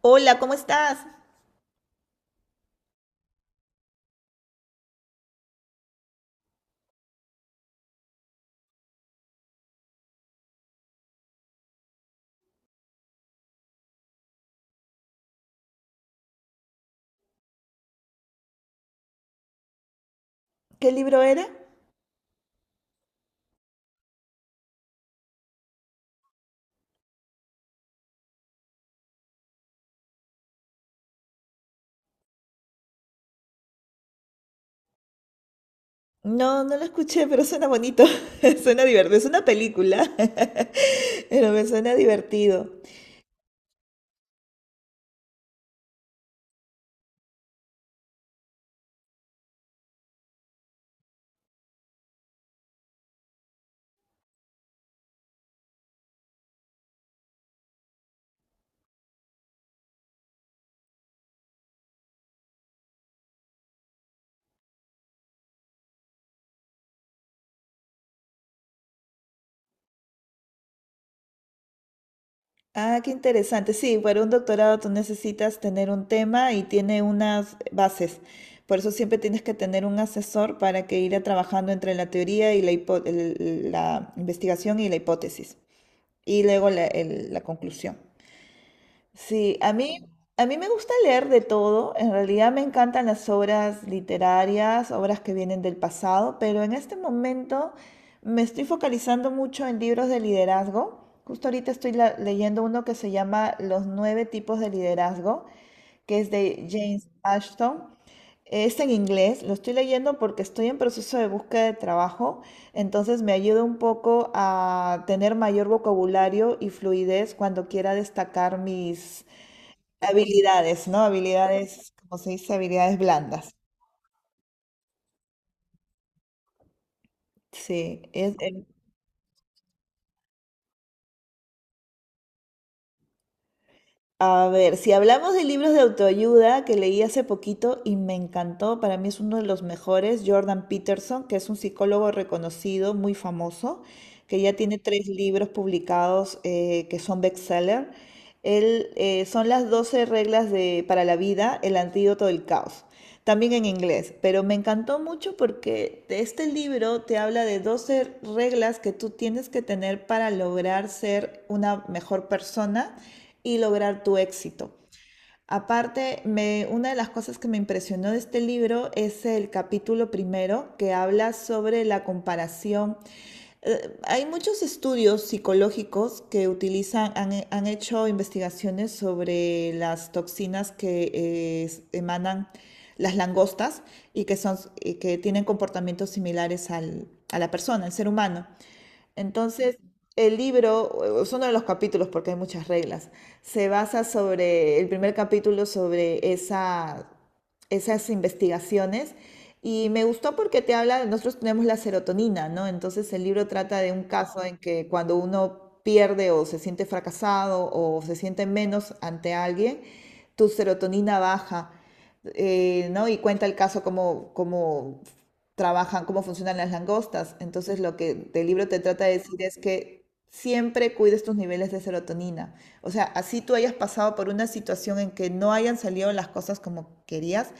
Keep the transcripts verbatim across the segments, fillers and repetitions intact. Hola, ¿cómo estás? ¿Qué libro era? No, no lo escuché, pero suena bonito. Suena divertido. Es una película, pero me suena divertido. Ah, qué interesante. Sí, para un doctorado tú necesitas tener un tema y tiene unas bases. Por eso siempre tienes que tener un asesor para que ir trabajando entre la teoría y la, hipo- el- la investigación y la hipótesis. Y luego la el- la conclusión. Sí, a mí, a mí me gusta leer de todo. En realidad me encantan las obras literarias, obras que vienen del pasado, pero en este momento me estoy focalizando mucho en libros de liderazgo. Justo ahorita estoy la- leyendo uno que se llama Los nueve tipos de liderazgo, que es de James Ashton. Es en inglés, lo estoy leyendo porque estoy en proceso de búsqueda de trabajo, entonces me ayuda un poco a tener mayor vocabulario y fluidez cuando quiera destacar mis habilidades, ¿no? Habilidades, como se dice, habilidades blandas. Sí. es- em, a ver, si hablamos de libros de autoayuda que leí hace poquito y me encantó, para mí es uno de los mejores, Jordan Peterson, que es un psicólogo reconocido, muy famoso, que ya tiene tres libros publicados, eh, que son bestseller. Él, eh, son las doce reglas de, para la vida, el antídoto del caos. También en inglés, pero me encantó mucho porque este libro te habla de doce reglas que tú tienes que tener para lograr ser una mejor persona y lograr tu éxito. Aparte, me- una de las cosas que me impresionó de este libro es el capítulo primero que habla sobre la comparación. Eh, hay muchos estudios psicológicos que utilizan, han, han hecho investigaciones sobre las toxinas que eh, emanan las langostas y que son, y que tienen comportamientos similares al- a la persona, al ser humano. Entonces, el libro, eh, son uno de los capítulos porque hay muchas reglas, se basa sobre, el primer capítulo sobre esa, esas investigaciones. Y me gustó porque te habla, nosotros tenemos la serotonina, ¿no? Entonces el libro trata de un caso en que cuando uno pierde o se siente fracasado o se siente menos ante alguien, tu serotonina baja, eh, ¿no? Y cuenta el caso como, trabajan, cómo funcionan las langostas. Entonces, lo que el libro te trata de decir es que siempre cuides tus niveles de serotonina. O sea, así tú hayas pasado por una situación en que no hayan salido las cosas como querías,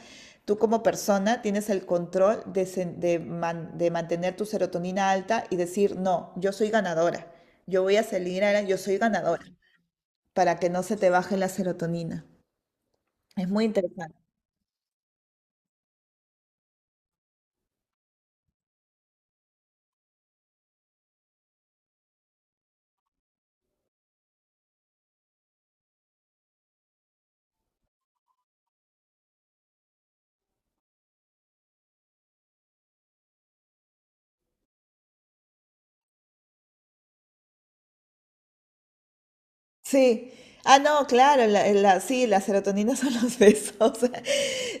tú como persona tienes el control de, se- de man- de mantener tu serotonina alta y decir, no, yo soy ganadora, yo voy a salir adelante, yo soy ganadora, para que no se te baje la serotonina. Es muy interesante. Sí. Ah, no, claro, la, eh, la- sí, la serotonina son los besos.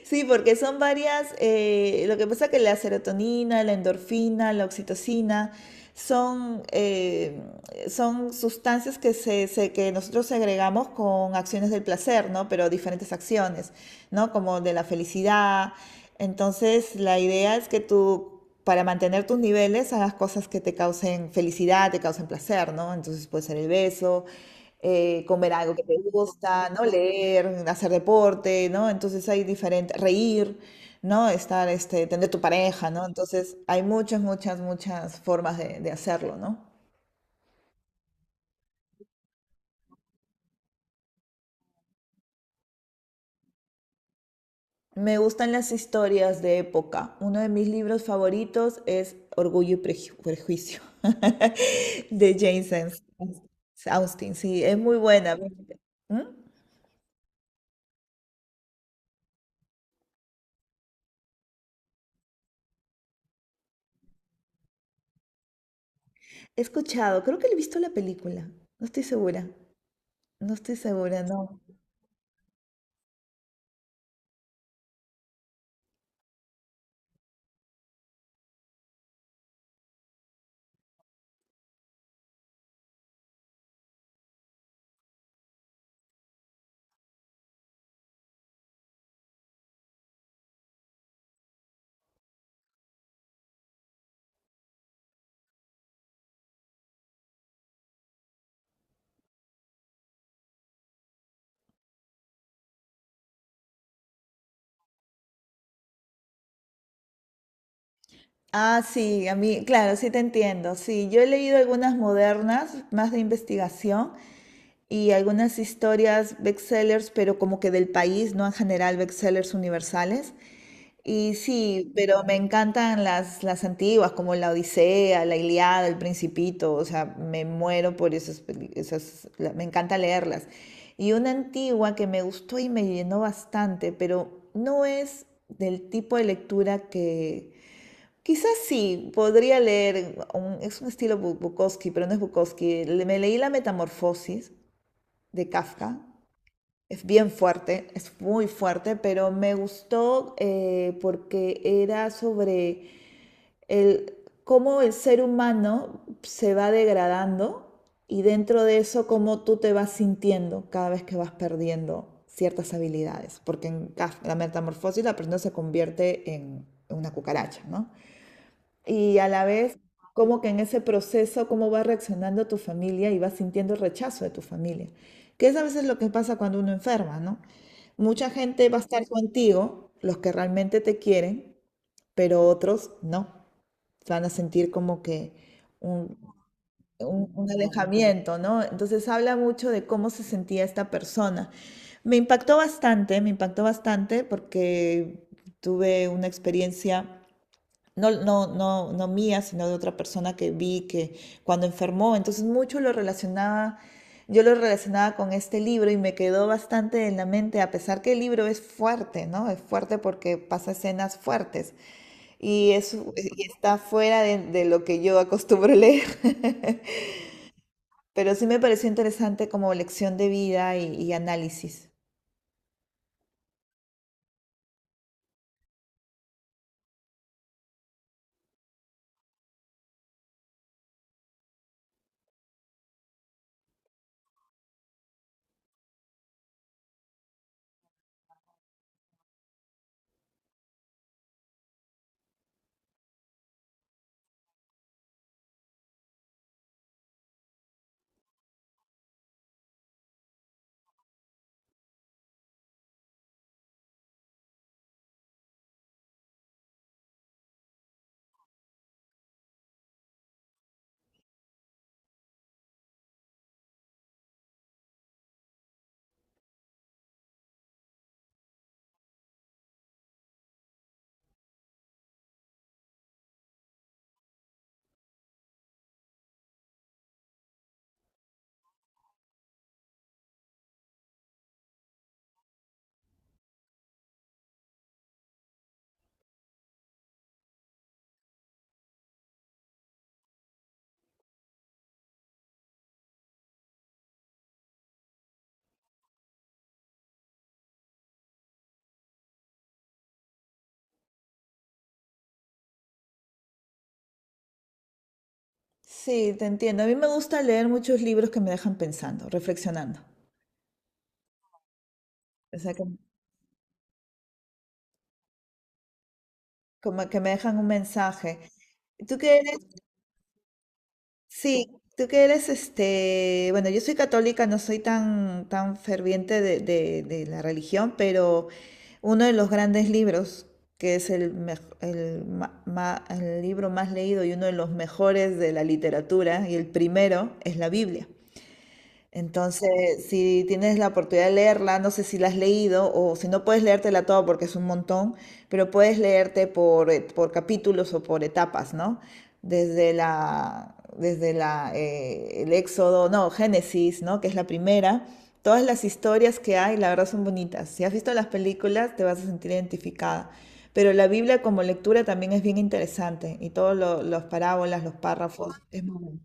Sí, porque son varias, eh, lo que pasa es que la serotonina, la endorfina, la oxitocina, son, eh, son sustancias que, se, se- que nosotros agregamos con acciones del placer, ¿no? Pero diferentes acciones, ¿no? Como de la felicidad, entonces, la idea es que tú, para mantener tus niveles, hagas cosas que te causen felicidad, te causen placer, ¿no? Entonces puede ser el beso, eh, comer algo que te gusta, ¿no? Leer, hacer deporte, ¿no? Entonces hay diferentes, reír, ¿no? Estar, este, tener tu pareja, ¿no? Entonces hay muchas, muchas, muchas formas de, de hacerlo, ¿no? Me gustan las historias de época. Uno de mis libros favoritos es Orgullo y Preju- Prejuicio de James Ans- Austen. Sí, es muy buena. ¿Mm? He escuchado, creo que le he visto la película. No estoy segura. No estoy segura, no. Ah, sí, a mí, claro, sí te entiendo. Sí, yo he leído algunas modernas, más de investigación, y algunas historias bestsellers, pero como que del país, no en general bestsellers universales. Y sí, pero me encantan las, las antiguas, como La Odisea, La Ilíada, El Principito, o sea, me muero por esas, peli- esas, la- me encanta leerlas. Y una antigua que me gustó y me llenó bastante, pero no es del tipo de lectura que... Quizás sí, podría leer, un- es un estilo Bu- Bukowski, pero no es Bukowski. le- Me leí La Metamorfosis, de Kafka. Es bien fuerte, es muy fuerte, pero me gustó, eh, porque era sobre el, cómo el ser humano se va degradando y dentro de eso cómo tú te vas sintiendo cada vez que vas perdiendo ciertas habilidades. Porque en Kafka, la metamorfosis la persona se convierte en una cucaracha, ¿no? Y a la vez como que en ese proceso cómo va reaccionando tu familia y vas sintiendo el rechazo de tu familia, que es a veces lo que pasa cuando uno enferma, ¿no? Mucha gente va a estar contigo, los que realmente te quieren, pero otros no, van a sentir como que un, un- un alejamiento, ¿no? Entonces habla mucho de cómo se sentía esta persona. Me impactó bastante, me impactó bastante porque tuve una experiencia, no, no, no, no mía, sino de otra persona que vi que cuando enfermó, entonces mucho lo relacionaba, yo lo relacionaba con este libro y me quedó bastante en la mente, a pesar que el libro es fuerte, ¿no? Es fuerte porque pasa escenas fuertes y, es, y está fuera de, de lo que yo acostumbro leer, pero sí me pareció interesante como lección de vida y, y análisis. Sí, te entiendo. A mí me gusta leer muchos libros que me dejan pensando, reflexionando. O sea, que como que me dejan un mensaje. Tú que eres, sí, Tú que eres, este, bueno, yo soy católica, no soy tan, tan ferviente de, de- de la religión, pero uno de los grandes libros, que es el, mej- el, ma- ma- el libro más leído y uno de los mejores de la literatura, y el primero, es la Biblia. Entonces, si tienes la oportunidad de leerla, no sé si la has leído o si no puedes leértela toda porque es un montón, pero puedes leerte por, eh, por capítulos o por etapas, ¿no? Desde la, desde la, eh, el Éxodo, no, Génesis, ¿no? Que es la primera. Todas las historias que hay, la verdad, son bonitas. Si has visto las películas, te vas a sentir identificada. Pero la Biblia como lectura también es bien interesante y todos los parábolas, los párrafos, es muy bueno.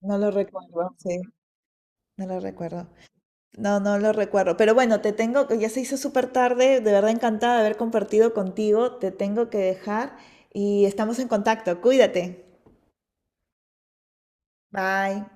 No lo recuerdo, sí, no lo recuerdo. No, no lo recuerdo. Pero bueno, te tengo, ya se hizo súper tarde, de verdad encantada de haber compartido contigo. Te tengo que dejar y estamos en contacto. Cuídate. Bye.